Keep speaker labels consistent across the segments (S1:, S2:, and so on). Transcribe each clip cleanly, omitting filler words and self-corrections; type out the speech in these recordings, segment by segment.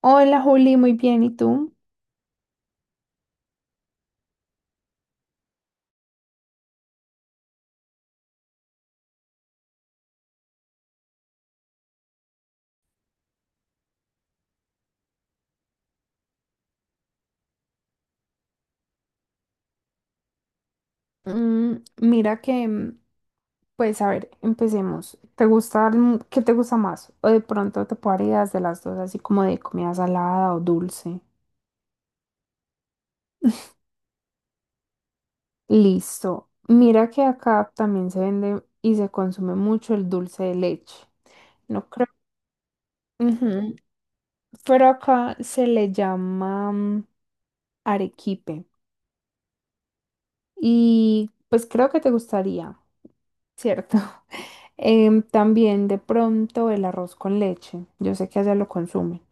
S1: Hola Juli, muy bien, ¿y tú? Mm, mira que, mm, pues a ver, empecemos. ¿Te gusta, qué te gusta más? O de pronto te puedo dar ideas de las dos, así como de comida salada o dulce. Listo. Mira que acá también se vende y se consume mucho el dulce de leche. No creo. Ujú. Pero acá se le llama arequipe. Y pues creo que te gustaría, ¿cierto? También de pronto el arroz con leche. Yo sé que allá lo consumen.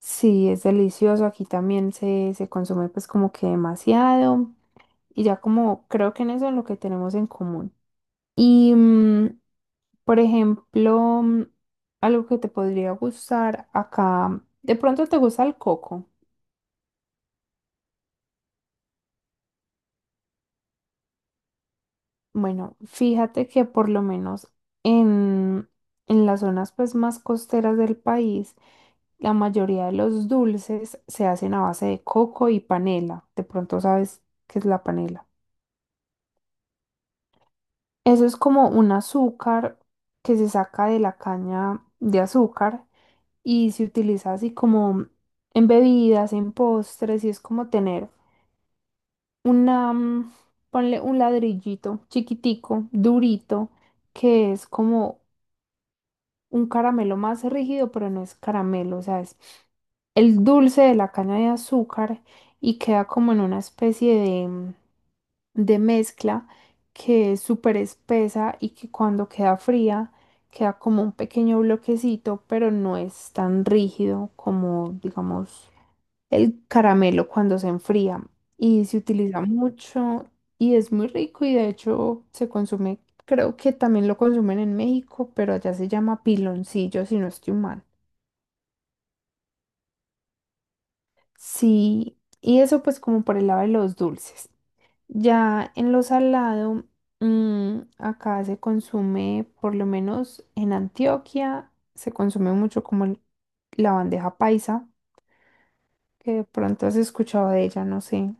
S1: Sí, es delicioso. Aquí también se consume pues como que demasiado. Y ya como creo que en eso es lo que tenemos en común. Y por ejemplo, algo que te podría gustar acá. De pronto te gusta el coco. Bueno, fíjate que por lo menos en, en las zonas pues más costeras del país, la mayoría de los dulces se hacen a base de coco y panela. De pronto sabes qué es la panela. Eso es como un azúcar que se saca de la caña de azúcar y se utiliza así como en bebidas, en postres, y es como tener una, mm, ponle un ladrillito chiquitico, durito, que es como un caramelo más rígido, pero no es caramelo, o sea, es el dulce de la caña de azúcar y queda como en una especie de mezcla que es súper espesa y que cuando queda fría queda como un pequeño bloquecito, pero no es tan rígido como, digamos, el caramelo cuando se enfría y se utiliza mucho y es muy rico y de hecho se consume, creo que también lo consumen en México, pero allá se llama piloncillo si no estoy mal. Sí, y eso pues como por el lado de los dulces. Ya en lo salado, acá se consume, por lo menos en Antioquia, se consume mucho como la bandeja paisa, que de pronto has escuchado de ella, no sé.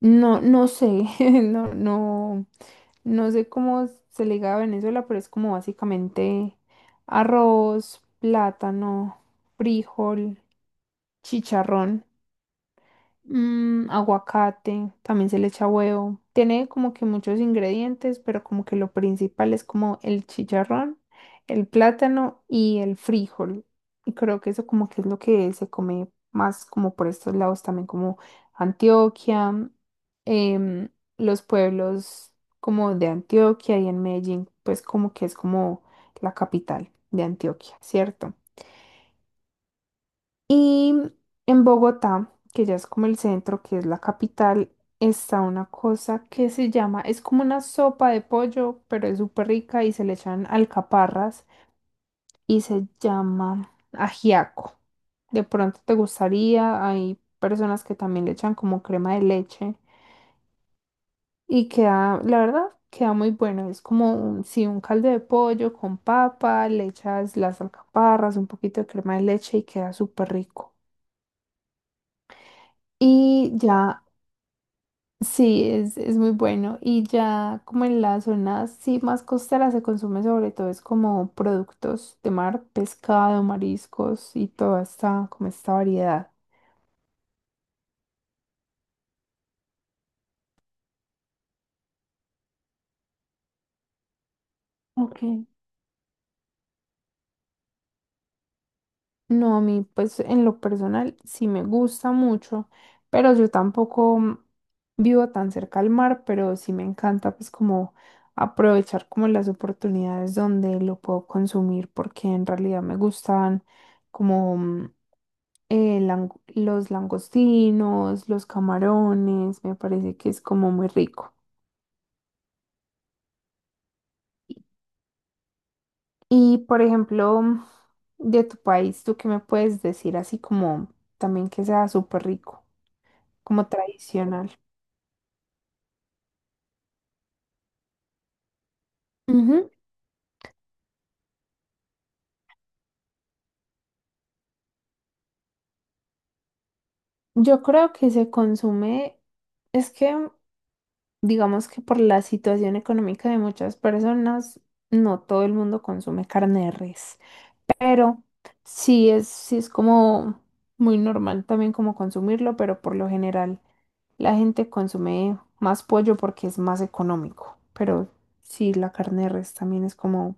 S1: No, no sé, no, no, no sé cómo se le diga a Venezuela, pero es como básicamente arroz, plátano, frijol, chicharrón. Mm, aguacate, también se le echa huevo. Tiene como que muchos ingredientes, pero como que lo principal es como el chicharrón, el plátano y el frijol. Y creo que eso como que es lo que se come más como por estos lados también, como Antioquia, em, los pueblos como de Antioquia y en Medellín, pues como que es como la capital de Antioquia, ¿cierto? Y en Bogotá, que ya es como el centro, que es la capital, está una cosa que se llama, es como una sopa de pollo, pero es súper rica y se le echan alcaparras y se llama ajiaco. De pronto te gustaría, hay personas que también le echan como crema de leche y queda, la verdad, queda muy bueno. Es como un, sí, un caldo de pollo con papa, le echas las alcaparras, un poquito de crema de leche y queda súper rico. Y ya sí, es muy bueno. Y ya como en las zonas sí más costeras se consume sobre todo es como productos de mar, pescado, mariscos y toda esta, como esta variedad. Ok. No, a mí, pues en lo personal sí me gusta mucho, pero yo tampoco vivo tan cerca al mar, pero sí me encanta pues como aprovechar como las oportunidades donde lo puedo consumir, porque en realidad me gustan como los langostinos, los camarones, me parece que es como muy rico. Y por ejemplo, de tu país, ¿tú qué me puedes decir así como también que sea súper rico? Como tradicional. Ujú. Yo creo que se consume, es que digamos que por la situación económica de muchas personas, no todo el mundo consume carne de res, pero sí es como muy normal también como consumirlo, pero por lo general la gente consume más pollo porque es más económico, pero sí la carne de res también es como...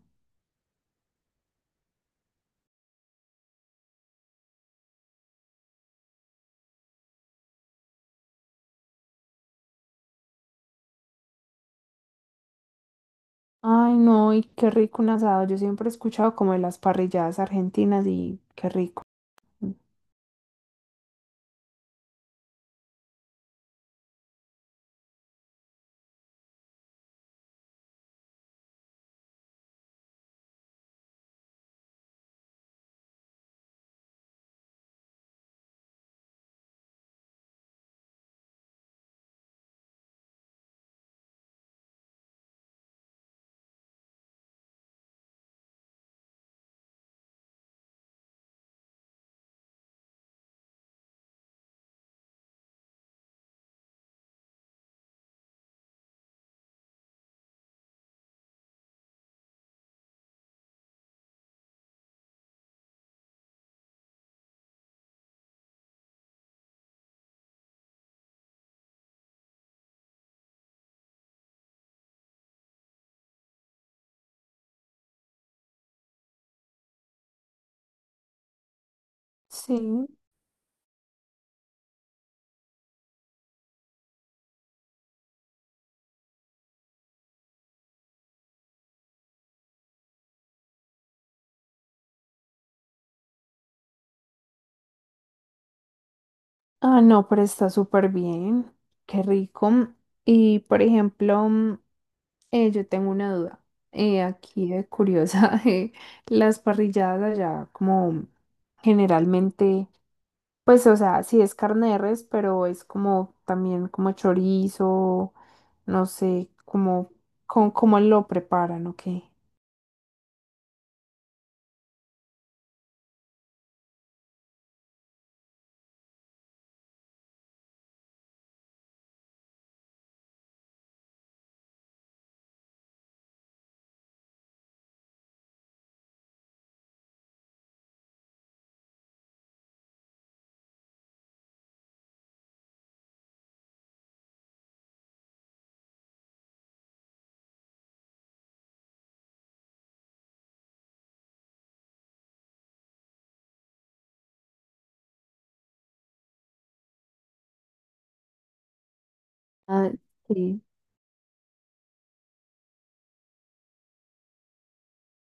S1: Ay, no, y qué rico un asado. Yo siempre he escuchado como de las parrilladas argentinas y qué rico. Sí. Ah, no, pero está súper bien. Qué rico. Y por ejemplo, yo tengo una duda. Aquí de curiosa, las parrilladas allá, como generalmente, pues, o sea, sí es carne de res, pero es como también como chorizo, no sé, como, cómo lo preparan, ¿o qué? Ah, sí.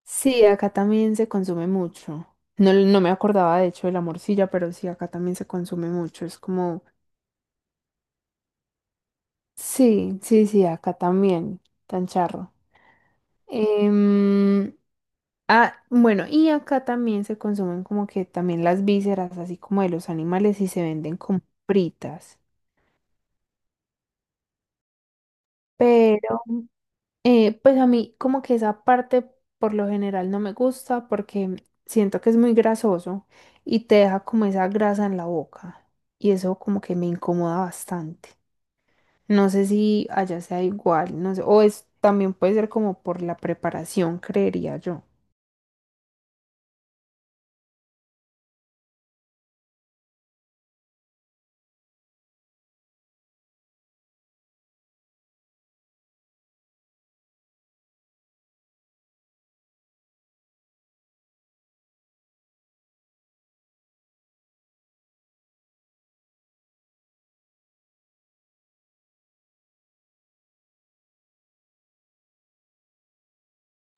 S1: Sí, acá también se consume mucho. No, no me acordaba de hecho de la morcilla, pero sí, acá también se consume mucho. Es como, sí, sí, sí, acá también, tan charro. Em, ah, bueno, y acá también se consumen como que también las vísceras, así como de los animales, y se venden como fritas. Pero pues a mí como que esa parte por lo general no me gusta porque siento que es muy grasoso y te deja como esa grasa en la boca y eso como que me incomoda bastante. No sé si allá sea igual, no sé, o es también puede ser como por la preparación, creería yo.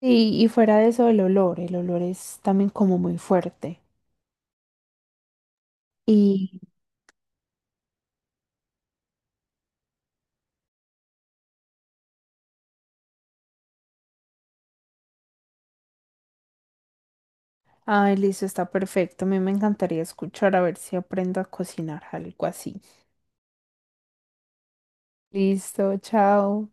S1: Y fuera de eso el olor es también como muy fuerte. Y, ay, listo, está perfecto. A mí me encantaría escuchar a ver si aprendo a cocinar algo así. Listo, chao.